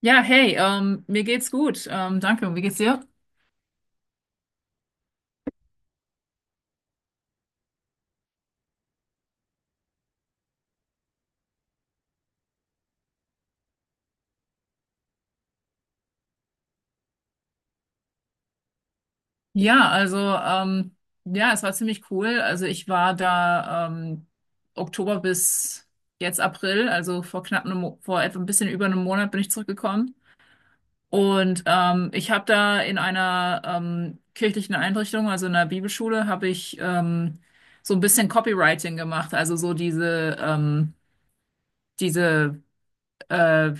Ja, hey, mir geht's gut. Danke. Und wie geht's dir? Ja, ja, es war ziemlich cool. Also ich war da Oktober bis jetzt April, also vor knapp einem, vor etwa ein bisschen über einem Monat bin ich zurückgekommen. Und ich habe da in einer kirchlichen Einrichtung, also in einer Bibelschule, habe ich so ein bisschen Copywriting gemacht, also so diese äh,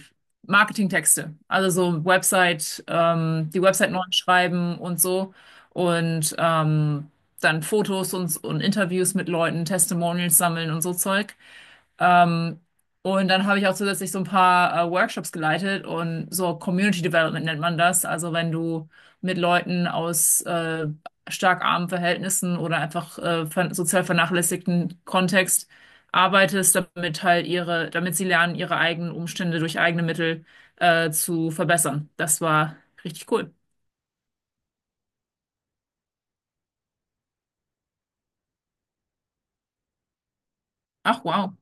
Marketingtexte, also so Website, die Website neu schreiben und so, und dann Fotos und Interviews mit Leuten, Testimonials sammeln und so Zeug. Ähm, und dann habe ich auch zusätzlich so ein paar Workshops geleitet, und so Community Development nennt man das. Also wenn du mit Leuten aus stark armen Verhältnissen oder einfach ver sozial vernachlässigten Kontext arbeitest, damit halt ihre, damit sie lernen, ihre eigenen Umstände durch eigene Mittel zu verbessern. Das war richtig cool. Ach, wow.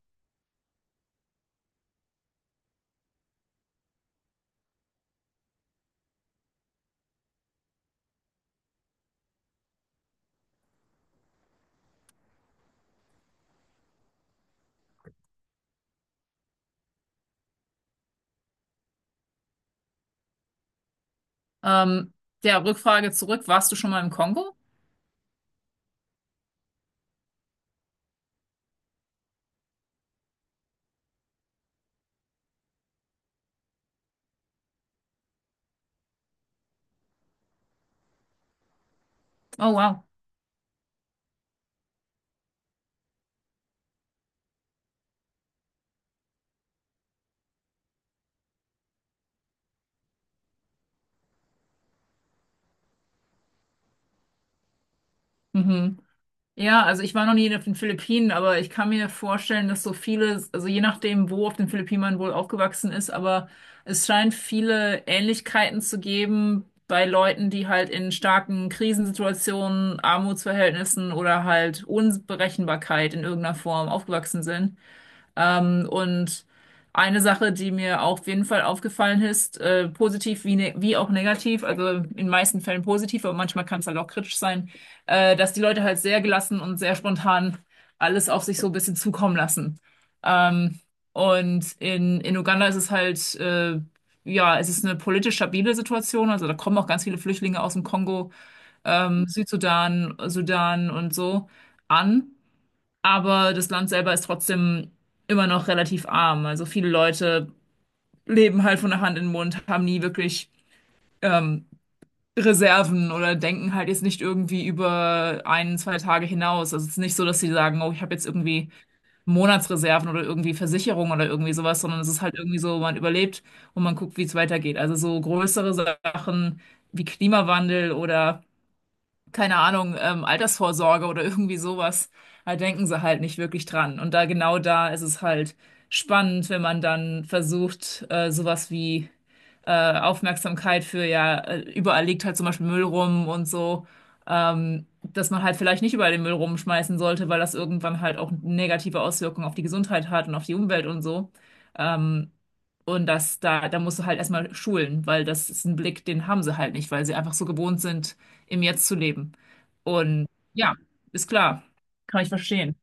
Ähm, ja, Rückfrage zurück. Warst du schon mal im Kongo? Oh, wow. Mhm. Ja, also ich war noch nie auf den Philippinen, aber ich kann mir vorstellen, dass so viele, also je nachdem, wo auf den Philippinen man wohl aufgewachsen ist, aber es scheint viele Ähnlichkeiten zu geben bei Leuten, die halt in starken Krisensituationen, Armutsverhältnissen oder halt Unberechenbarkeit in irgendeiner Form aufgewachsen sind. Und eine Sache, die mir auch auf jeden Fall aufgefallen ist, positiv wie, ne wie auch negativ, also in den meisten Fällen positiv, aber manchmal kann es halt auch kritisch sein, dass die Leute halt sehr gelassen und sehr spontan alles auf sich so ein bisschen zukommen lassen. Ähm, und in Uganda ist es halt, ja, es ist eine politisch stabile Situation, also da kommen auch ganz viele Flüchtlinge aus dem Kongo, Südsudan, Sudan und so an. Aber das Land selber ist trotzdem immer noch relativ arm. Also viele Leute leben halt von der Hand in den Mund, haben nie wirklich ähm, Reserven oder denken halt jetzt nicht irgendwie über ein, zwei Tage hinaus. Also es ist nicht so, dass sie sagen, oh, ich habe jetzt irgendwie Monatsreserven oder irgendwie Versicherung oder irgendwie sowas, sondern es ist halt irgendwie so, man überlebt und man guckt, wie es weitergeht. Also so größere Sachen wie Klimawandel oder keine Ahnung, Altersvorsorge oder irgendwie sowas. Da denken sie halt nicht wirklich dran. Und da genau da ist es halt spannend, wenn man dann versucht, sowas wie Aufmerksamkeit für, ja, überall liegt halt zum Beispiel Müll rum und so, dass man halt vielleicht nicht überall den Müll rumschmeißen sollte, weil das irgendwann halt auch negative Auswirkungen auf die Gesundheit hat und auf die Umwelt und so. Ähm, und da musst du halt erstmal schulen, weil das ist ein Blick, den haben sie halt nicht, weil sie einfach so gewohnt sind, im Jetzt zu leben. Und ja, ist klar, kann ich verstehen.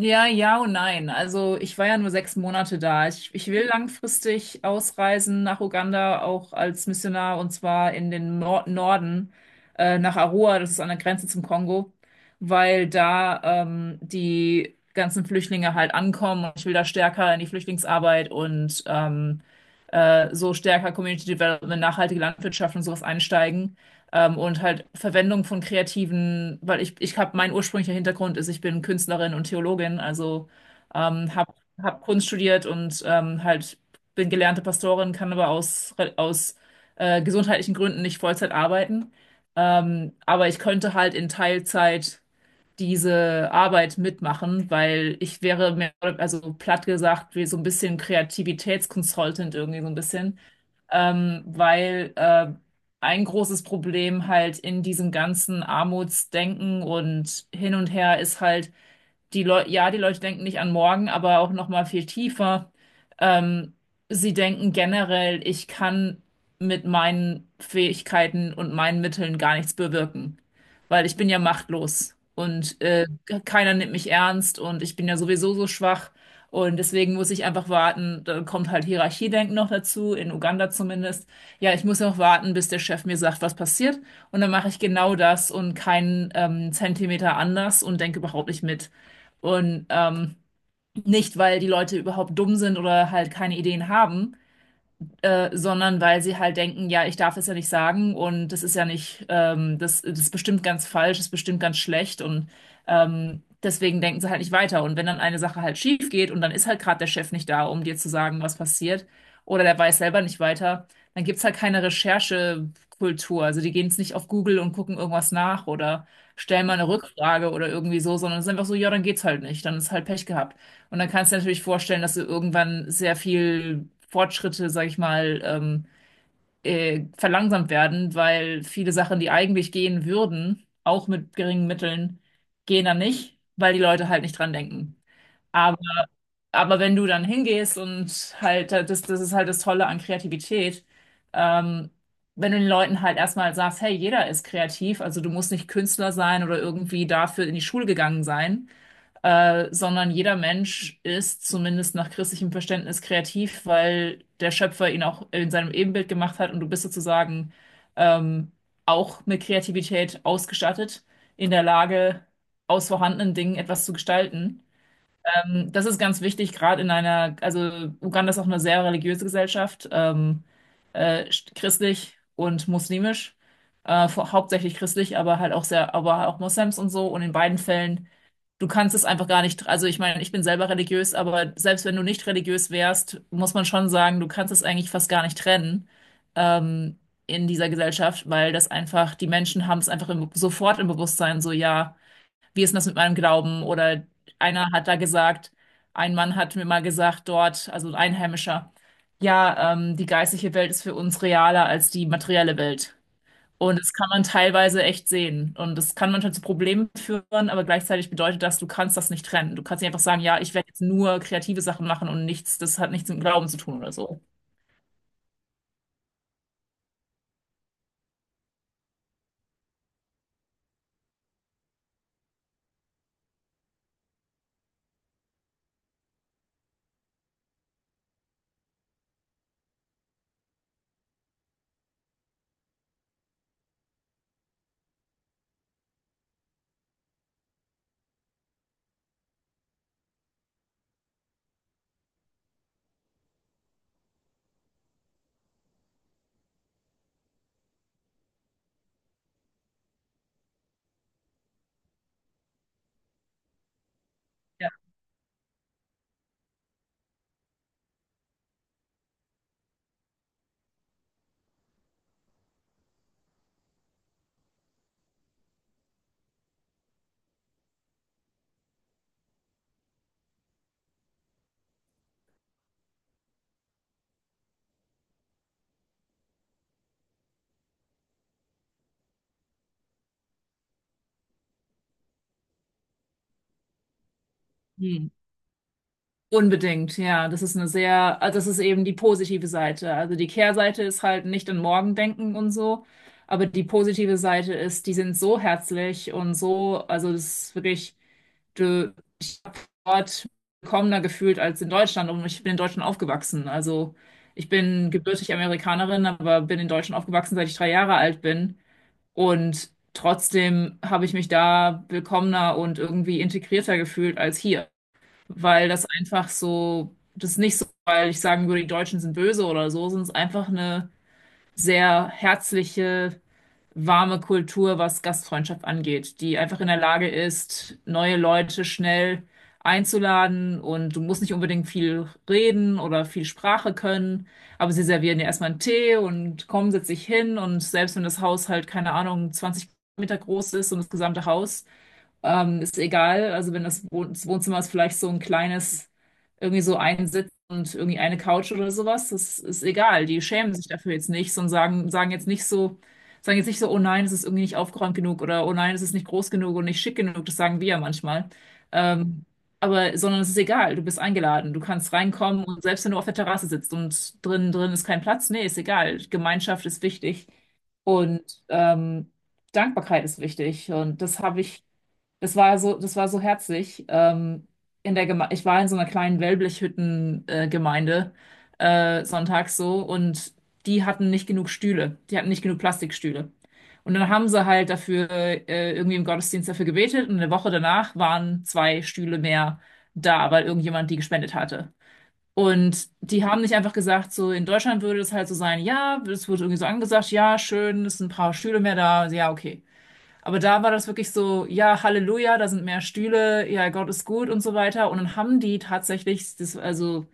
Ja, ja und nein. Also ich war ja nur sechs Monate da. Ich will langfristig ausreisen nach Uganda, auch als Missionar, und zwar in den Nor Norden, nach Arua, das ist an der Grenze zum Kongo, weil da die ganzen Flüchtlinge halt ankommen, und ich will da stärker in die Flüchtlingsarbeit und so stärker Community Development, nachhaltige Landwirtschaft und sowas einsteigen. Und halt Verwendung von kreativen, weil ich habe, mein ursprünglicher Hintergrund ist, ich bin Künstlerin und Theologin, also ähm, habe hab Kunst studiert und halt bin gelernte Pastorin, kann aber aus gesundheitlichen Gründen nicht Vollzeit arbeiten. Aber ich könnte halt in Teilzeit diese Arbeit mitmachen, weil ich wäre mehr, also platt gesagt, wie so ein bisschen Kreativitätsconsultant irgendwie so ein bisschen weil ein großes Problem halt in diesem ganzen Armutsdenken und hin und her ist halt, die Leute, ja, die Leute denken nicht an morgen, aber auch noch mal viel tiefer. Ähm, Sie denken generell, ich kann mit meinen Fähigkeiten und meinen Mitteln gar nichts bewirken, weil ich bin ja machtlos, und keiner nimmt mich ernst und ich bin ja sowieso so schwach, und deswegen muss ich einfach warten. Dann kommt halt Hierarchiedenken noch dazu, in Uganda zumindest. Ja, ich muss noch warten, bis der Chef mir sagt, was passiert, und dann mache ich genau das und keinen Zentimeter anders und denke überhaupt nicht mit. Und nicht, weil die Leute überhaupt dumm sind oder halt keine Ideen haben, sondern weil sie halt denken, ja, ich darf es ja nicht sagen und das ist ja nicht, das ist bestimmt ganz falsch, das ist bestimmt ganz schlecht, und deswegen denken sie halt nicht weiter. Und wenn dann eine Sache halt schief geht und dann ist halt gerade der Chef nicht da, um dir zu sagen, was passiert, oder der weiß selber nicht weiter, dann gibt's halt keine Recherchekultur. Also die gehen jetzt nicht auf Google und gucken irgendwas nach oder stellen mal eine Rückfrage oder irgendwie so, sondern es ist einfach so, ja, dann geht's halt nicht, dann ist halt Pech gehabt. Und dann kannst du dir natürlich vorstellen, dass du irgendwann sehr viel Fortschritte, sag ich mal, verlangsamt werden, weil viele Sachen, die eigentlich gehen würden, auch mit geringen Mitteln, gehen dann nicht, weil die Leute halt nicht dran denken. Aber, aber wenn du dann hingehst und halt, das ist halt das Tolle an Kreativität, ähm, wenn du den Leuten halt erstmal sagst, hey, jeder ist kreativ, also du musst nicht Künstler sein oder irgendwie dafür in die Schule gegangen sein, sondern jeder Mensch ist zumindest nach christlichem Verständnis kreativ, weil der Schöpfer ihn auch in seinem Ebenbild gemacht hat, und du bist sozusagen ähm, auch mit Kreativität ausgestattet, in der Lage, aus vorhandenen Dingen etwas zu gestalten. Das ist ganz wichtig, gerade in einer, also Uganda ist auch eine sehr religiöse Gesellschaft, äh, christlich und muslimisch. Hauptsächlich christlich, aber halt auch sehr, aber auch Moslems und so. Und in beiden Fällen, du kannst es einfach gar nicht, also ich meine, ich bin selber religiös, aber selbst wenn du nicht religiös wärst, muss man schon sagen, du kannst es eigentlich fast gar nicht trennen, ähm, in dieser Gesellschaft, weil das einfach, die Menschen haben es einfach sofort im Bewusstsein, so, ja, wie ist denn das mit meinem Glauben? Oder einer hat da gesagt, ein Mann hat mir mal gesagt dort, also ein Einheimischer, ja, die geistliche Welt ist für uns realer als die materielle Welt. Und das kann man teilweise echt sehen. Und das kann manchmal zu Problemen führen, aber gleichzeitig bedeutet das, du kannst das nicht trennen. Du kannst nicht einfach sagen, ja, ich werde jetzt nur kreative Sachen machen und nichts, das hat nichts mit Glauben zu tun oder so. Ja. Hm. Unbedingt, ja. Das ist eine sehr, also das ist eben die positive Seite. Also die Kehrseite ist halt nicht an morgen denken und so. Aber die positive Seite ist, die sind so herzlich und so, also das ist wirklich. Du, dort willkommener gefühlt als in Deutschland, und ich bin in Deutschland aufgewachsen. Also ich bin gebürtig Amerikanerin, aber bin in Deutschland aufgewachsen, seit ich drei Jahre alt bin. Und trotzdem habe ich mich da willkommener und irgendwie integrierter gefühlt als hier, weil das einfach so, das ist nicht so, weil ich sagen würde, die Deutschen sind böse oder so, sondern es ist einfach eine sehr herzliche warme Kultur, was Gastfreundschaft angeht, die einfach in der Lage ist, neue Leute schnell einzuladen, und du musst nicht unbedingt viel reden oder viel Sprache können, aber sie servieren dir erstmal einen Tee und komm, setz dich hin, und selbst wenn das Haus halt, keine Ahnung, 20 Meter groß ist und das gesamte Haus, ist egal. Also wenn das, Wohn das Wohnzimmer ist vielleicht so ein kleines, irgendwie so ein Sitz und irgendwie eine Couch oder sowas, das ist egal. Die schämen sich dafür jetzt nicht, sondern sagen jetzt nicht so, oh nein, es ist irgendwie nicht aufgeräumt genug oder oh nein, es ist nicht groß genug und nicht schick genug. Das sagen wir ja manchmal. Ähm, aber, sondern es ist egal. Du bist eingeladen. Du kannst reinkommen, und selbst wenn du auf der Terrasse sitzt und drin ist kein Platz, nee, ist egal. Gemeinschaft ist wichtig und Dankbarkeit ist wichtig, und das habe ich das war so herzlich. In der Geme Ich war in so einer kleinen Wellblechhütten-Gemeinde sonntags so, und die hatten nicht genug Stühle. Die hatten nicht genug Plastikstühle. Und dann haben sie halt dafür irgendwie im Gottesdienst dafür gebetet, und eine Woche danach waren zwei Stühle mehr da, weil irgendjemand die gespendet hatte. Und die haben nicht einfach gesagt, so in Deutschland würde es halt so sein, ja, es wurde irgendwie so angesagt, ja, schön, es sind ein paar Stühle mehr da, ja, okay. Aber da war das wirklich so, ja, Halleluja, da sind mehr Stühle, ja, Gott ist gut und so weiter. Und dann haben die tatsächlich, das, also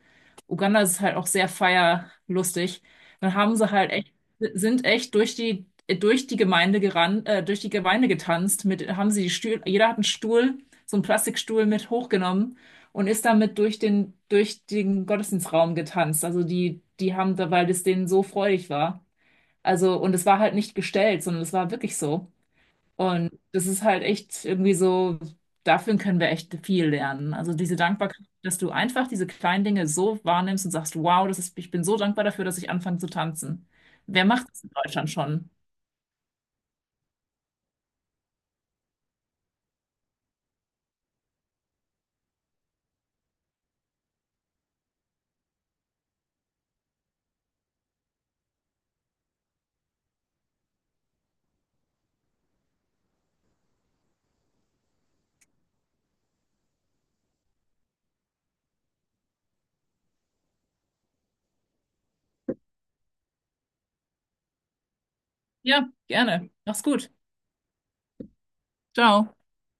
Uganda ist halt auch sehr feierlustig, dann haben sie halt echt, sind echt durch die Gemeinde gerannt, durch die Gemeinde getanzt, mit, haben sie die Stühle, jeder hat einen Stuhl, so einen Plastikstuhl mit hochgenommen und ist damit durch durch den Gottesdienstraum getanzt. Also die haben da, weil das denen so freudig war. Also, und es war halt nicht gestellt, sondern es war wirklich so. Und das ist halt echt irgendwie so, dafür können wir echt viel lernen. Also diese Dankbarkeit, dass du einfach diese kleinen Dinge so wahrnimmst und sagst, wow, das ist, ich bin so dankbar dafür, dass ich anfange zu tanzen. Wer macht das in Deutschland schon? Ja, gerne. Mach's gut. Ciao.